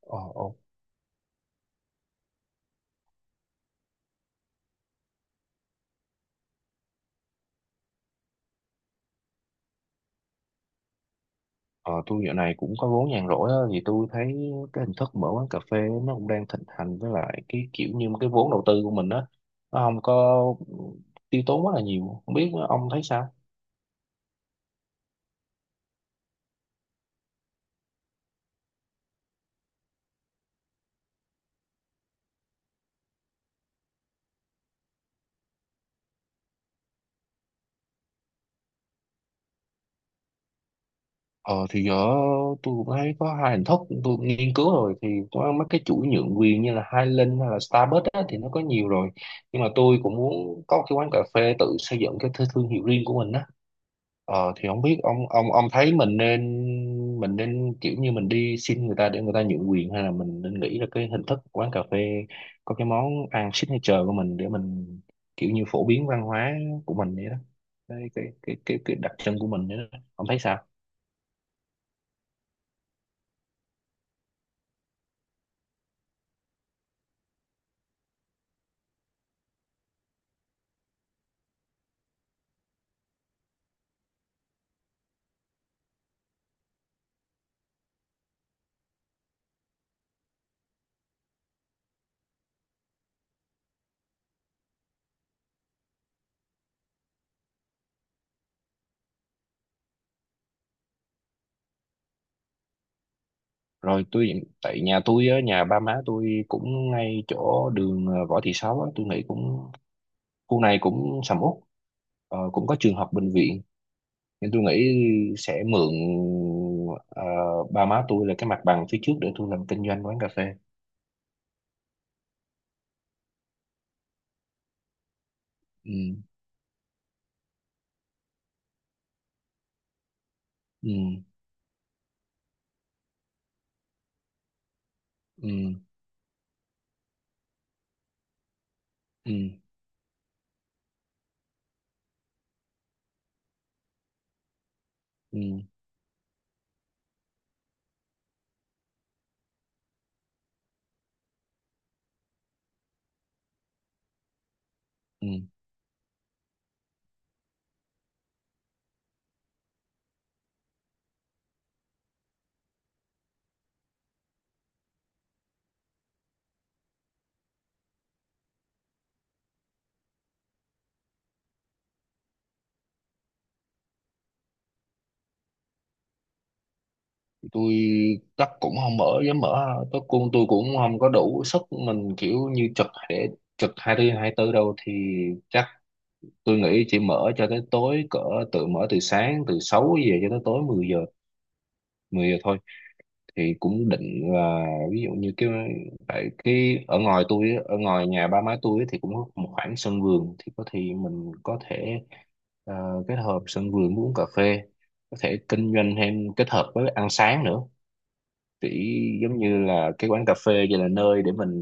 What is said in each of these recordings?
Ờ, ồ. Ờ, tôi dạo này cũng có vốn nhàn rỗi á, thì tôi thấy cái hình thức mở quán cà phê nó cũng đang thịnh hành, với lại cái kiểu như cái vốn đầu tư của mình á nó không có tiêu tốn quá là nhiều. Không biết ông thấy sao. Ờ thì giờ tôi cũng thấy có hai hình thức. Tôi nghiên cứu rồi thì có mấy cái chuỗi nhượng quyền như là Highland hay là Starbucks á, thì nó có nhiều rồi. Nhưng mà tôi cũng muốn có cái quán cà phê tự xây dựng cái thương hiệu riêng của mình á. Ờ thì không biết ông thấy mình nên, mình nên kiểu như mình đi xin người ta để người ta nhượng quyền, hay là mình nên nghĩ ra cái hình thức quán cà phê có cái món ăn signature của mình, để mình kiểu như phổ biến văn hóa của mình vậy đó, cái đặc trưng của mình vậy đó. Ông thấy sao? Rồi, tôi tại nhà tôi á, nhà ba má tôi cũng ngay chỗ đường Võ Thị Sáu á, tôi nghĩ cũng khu này cũng sầm uất. Ờ, cũng có trường học, bệnh viện, nên tôi nghĩ sẽ mượn ờ, ba má tôi là cái mặt bằng phía trước để tôi làm kinh doanh quán cà phê. Ừ. Ừ. Ừ. Ừ. Ừ. Ừ. Tôi chắc cũng không dám mở, tôi cũng không có đủ sức mình kiểu như trực để trực 24/24 đâu. Thì chắc tôi nghĩ chỉ mở cho tới tối cỡ, tự mở từ sáng, từ 6 giờ cho tới tối 10 giờ, 10 giờ thôi. Thì cũng định là ví dụ như cái, tại cái ở ngoài tôi á, ở ngoài nhà ba má tôi á, thì cũng có một khoảng sân vườn, thì có thì mình có thể kết hợp sân vườn với uống cà phê, có thể kinh doanh thêm kết hợp với ăn sáng nữa. Thì giống như là cái quán cà phê vậy là nơi để mình,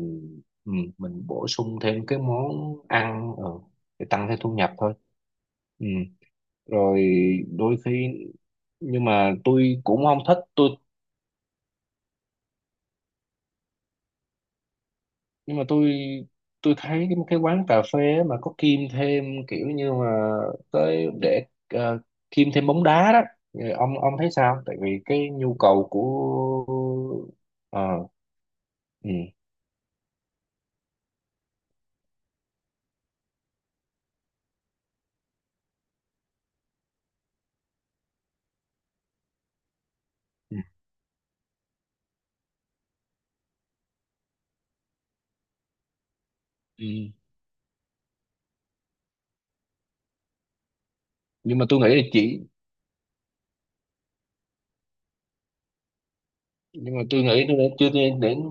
ừ, mình bổ sung thêm cái món ăn, để tăng thêm thu nhập thôi. Ừ. Rồi, đôi khi, nhưng mà tôi cũng không thích tôi, nhưng mà tôi thấy cái quán cà phê á mà có kim thêm kiểu như mà tới để, kim thêm bóng đá đó. Thì ông thấy sao, tại vì cái nhu cầu của, ờ. Ừ. Ừ. Ừ. Nhưng mà tôi nghĩ là chỉ, nhưng mà tôi nghĩ là chưa nên đến.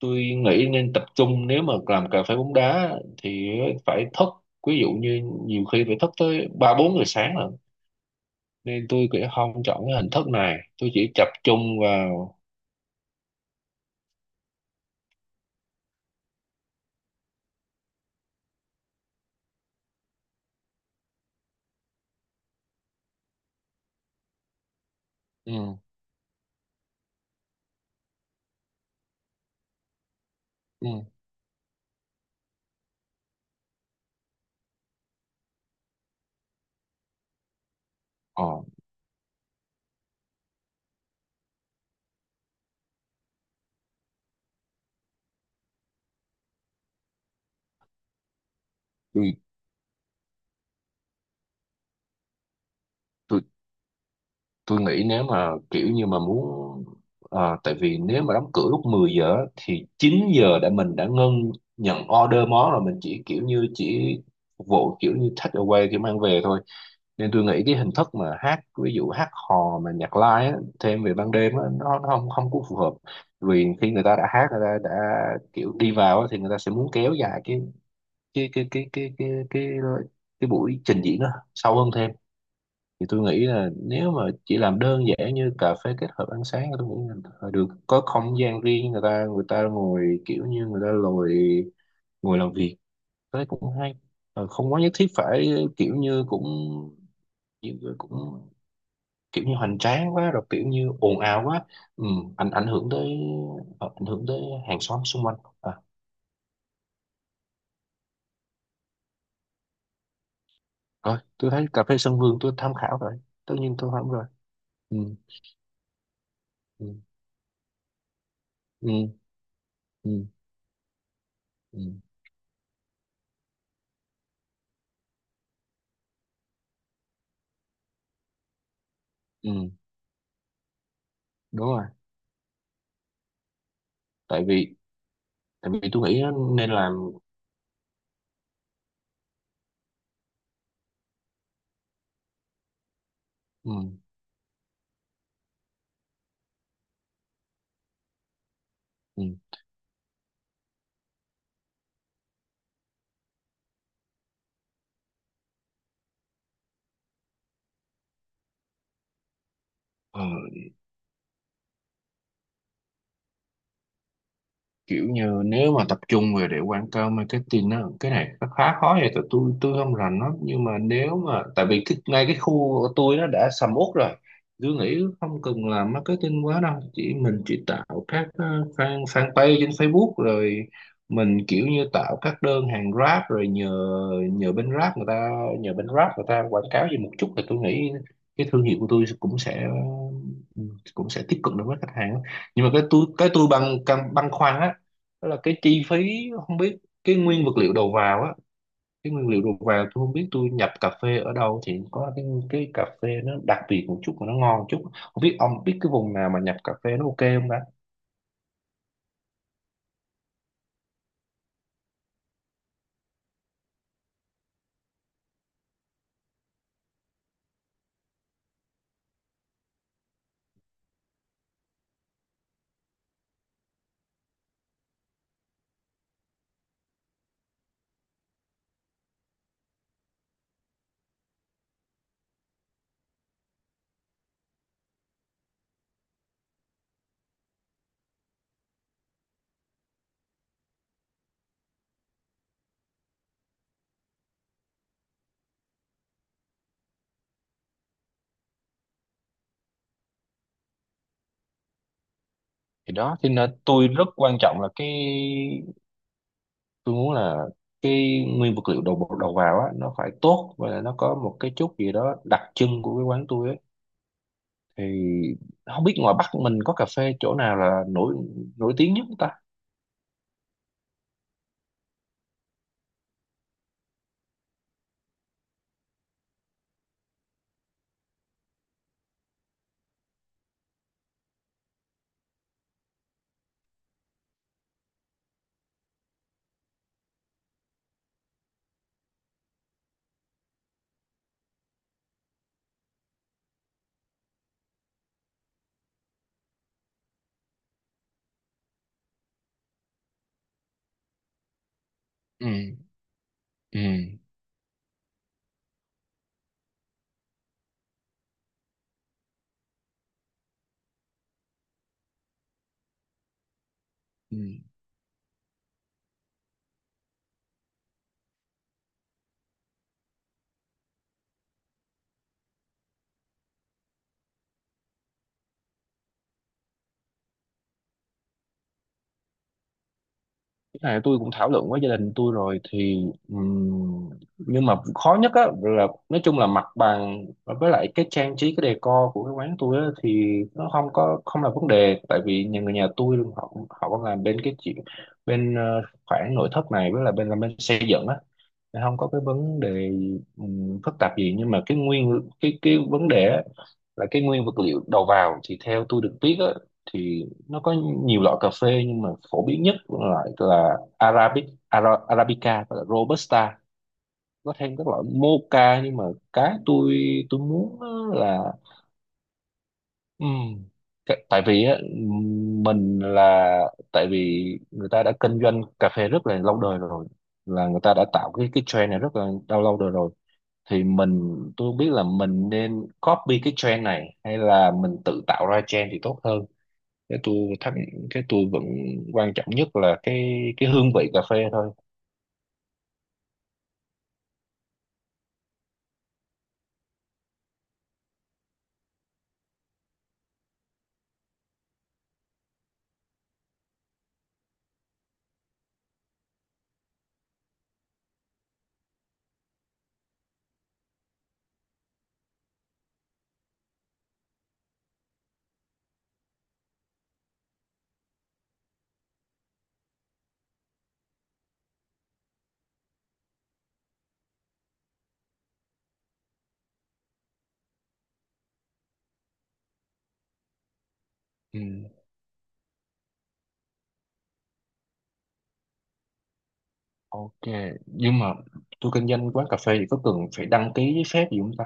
Tôi nghĩ nên tập trung, nếu mà làm cà phê bóng đá thì phải thức, ví dụ như nhiều khi phải thức tới 3-4 giờ sáng, rồi nên tôi nghĩ không chọn cái hình thức này. Tôi chỉ tập trung vào. Ừ, ừ. Ờ, tôi, tôi, tôi nghĩ nếu mà kiểu như mà muốn, à, tại vì nếu mà đóng cửa lúc 10 giờ á, thì 9 giờ đã mình đã ngưng nhận order món rồi, mình chỉ kiểu như chỉ phục vụ kiểu như take away, kiểu mang về thôi. Nên tôi nghĩ cái hình thức mà hát, ví dụ hát hò mà nhạc live á, thêm về ban đêm á, nó không không có phù hợp. Vì khi người ta đã hát, người ta đã kiểu đi vào á, thì người ta sẽ muốn kéo dài cái, cái cái cái cái cái cái buổi trình diễn đó sâu hơn thêm. Thì tôi nghĩ là nếu mà chỉ làm đơn giản như cà phê kết hợp ăn sáng, tôi nghĩ là phải được có không gian riêng, người ta ngồi kiểu như người ta ngồi, ngồi làm việc, thế cũng hay. Ờ, không quá nhất thiết phải kiểu như cũng, cũng kiểu như hoành tráng quá, rồi kiểu như ồn ào quá, ừ, ảnh ảnh hưởng tới, ảnh hưởng tới hàng xóm xung quanh, à. Rồi, tôi thấy cà phê sân vườn tôi tham khảo rồi, tất nhiên tôi không rồi. Ừ. Ừ. Ừ. Ừ. Ừ. Ừ. Đúng rồi. Tại vì, tại vì tôi nghĩ á, nên làm. Ừ. Ừ. Ừ. Kiểu như nếu mà tập trung về để quảng cáo marketing á, cái này nó khá khó vậy, tại tôi không rành lắm. Nhưng mà nếu mà, tại vì cái, ngay cái khu của tôi nó đã sầm uất rồi, tôi nghĩ không cần làm marketing quá đâu, chỉ mình chỉ tạo các fan fanpage trên Facebook, rồi mình kiểu như tạo các đơn hàng Grab, rồi nhờ nhờ bên Grab người ta, quảng cáo gì một chút, thì tôi nghĩ cái thương hiệu của tôi cũng sẽ, cũng sẽ tiếp cận được với khách hàng á. Nhưng mà cái tôi băn khoăn á, đó là cái chi phí, không biết cái nguyên vật liệu đầu vào á, cái nguyên liệu đầu vào tôi không biết tôi nhập cà phê ở đâu thì có cái cà phê nó đặc biệt một chút mà nó ngon một chút. Không biết ông biết cái vùng nào mà nhập cà phê nó ok không ta? Thì đó thì nên tôi rất quan trọng là cái, tôi muốn là cái nguyên vật liệu đầu đầu vào á nó phải tốt, và là nó có một cái chút gì đó đặc trưng của cái quán tôi ấy. Thì không biết ngoài Bắc mình có cà phê chỗ nào là nổi nổi tiếng nhất không ta? Ừ. Ừ. Ừ. Cái này tôi cũng thảo luận với gia đình tôi rồi thì nhưng mà khó nhất á là nói chung là mặt bằng, với lại cái trang trí, cái decor của cái quán tôi á, thì nó không có không là vấn đề, tại vì nhà người nhà tôi họ họ còn làm bên cái chuyện bên khoản nội thất này, với là bên làm bên xây dựng á, không có cái vấn đề phức tạp gì. Nhưng mà cái nguyên cái vấn đề á, là cái nguyên vật liệu đầu vào, thì theo tôi được biết á, thì nó có nhiều loại cà phê, nhưng mà phổ biến nhất là loại là Arabic, Arabica và là Robusta. Có thêm các loại Mocha. Nhưng mà cái tôi muốn á là, ừm, cái- tại vì á, mình là, tại vì người ta đã kinh doanh cà phê rất là lâu đời rồi, là người ta đã tạo cái trend này rất là lâu lâu đời rồi. Thì mình tôi không biết là mình nên copy cái trend này, hay là mình tự tạo ra trend thì tốt hơn. cái tôi thắc cái tôi vẫn quan trọng nhất là cái hương vị cà phê thôi. Ừ, ok. Nhưng mà tôi kinh doanh quán cà phê thì có cần phải đăng ký giấy phép gì không ta?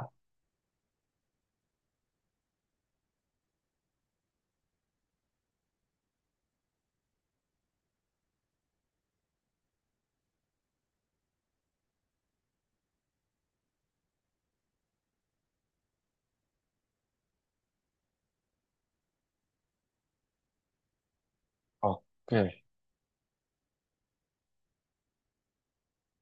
Ok.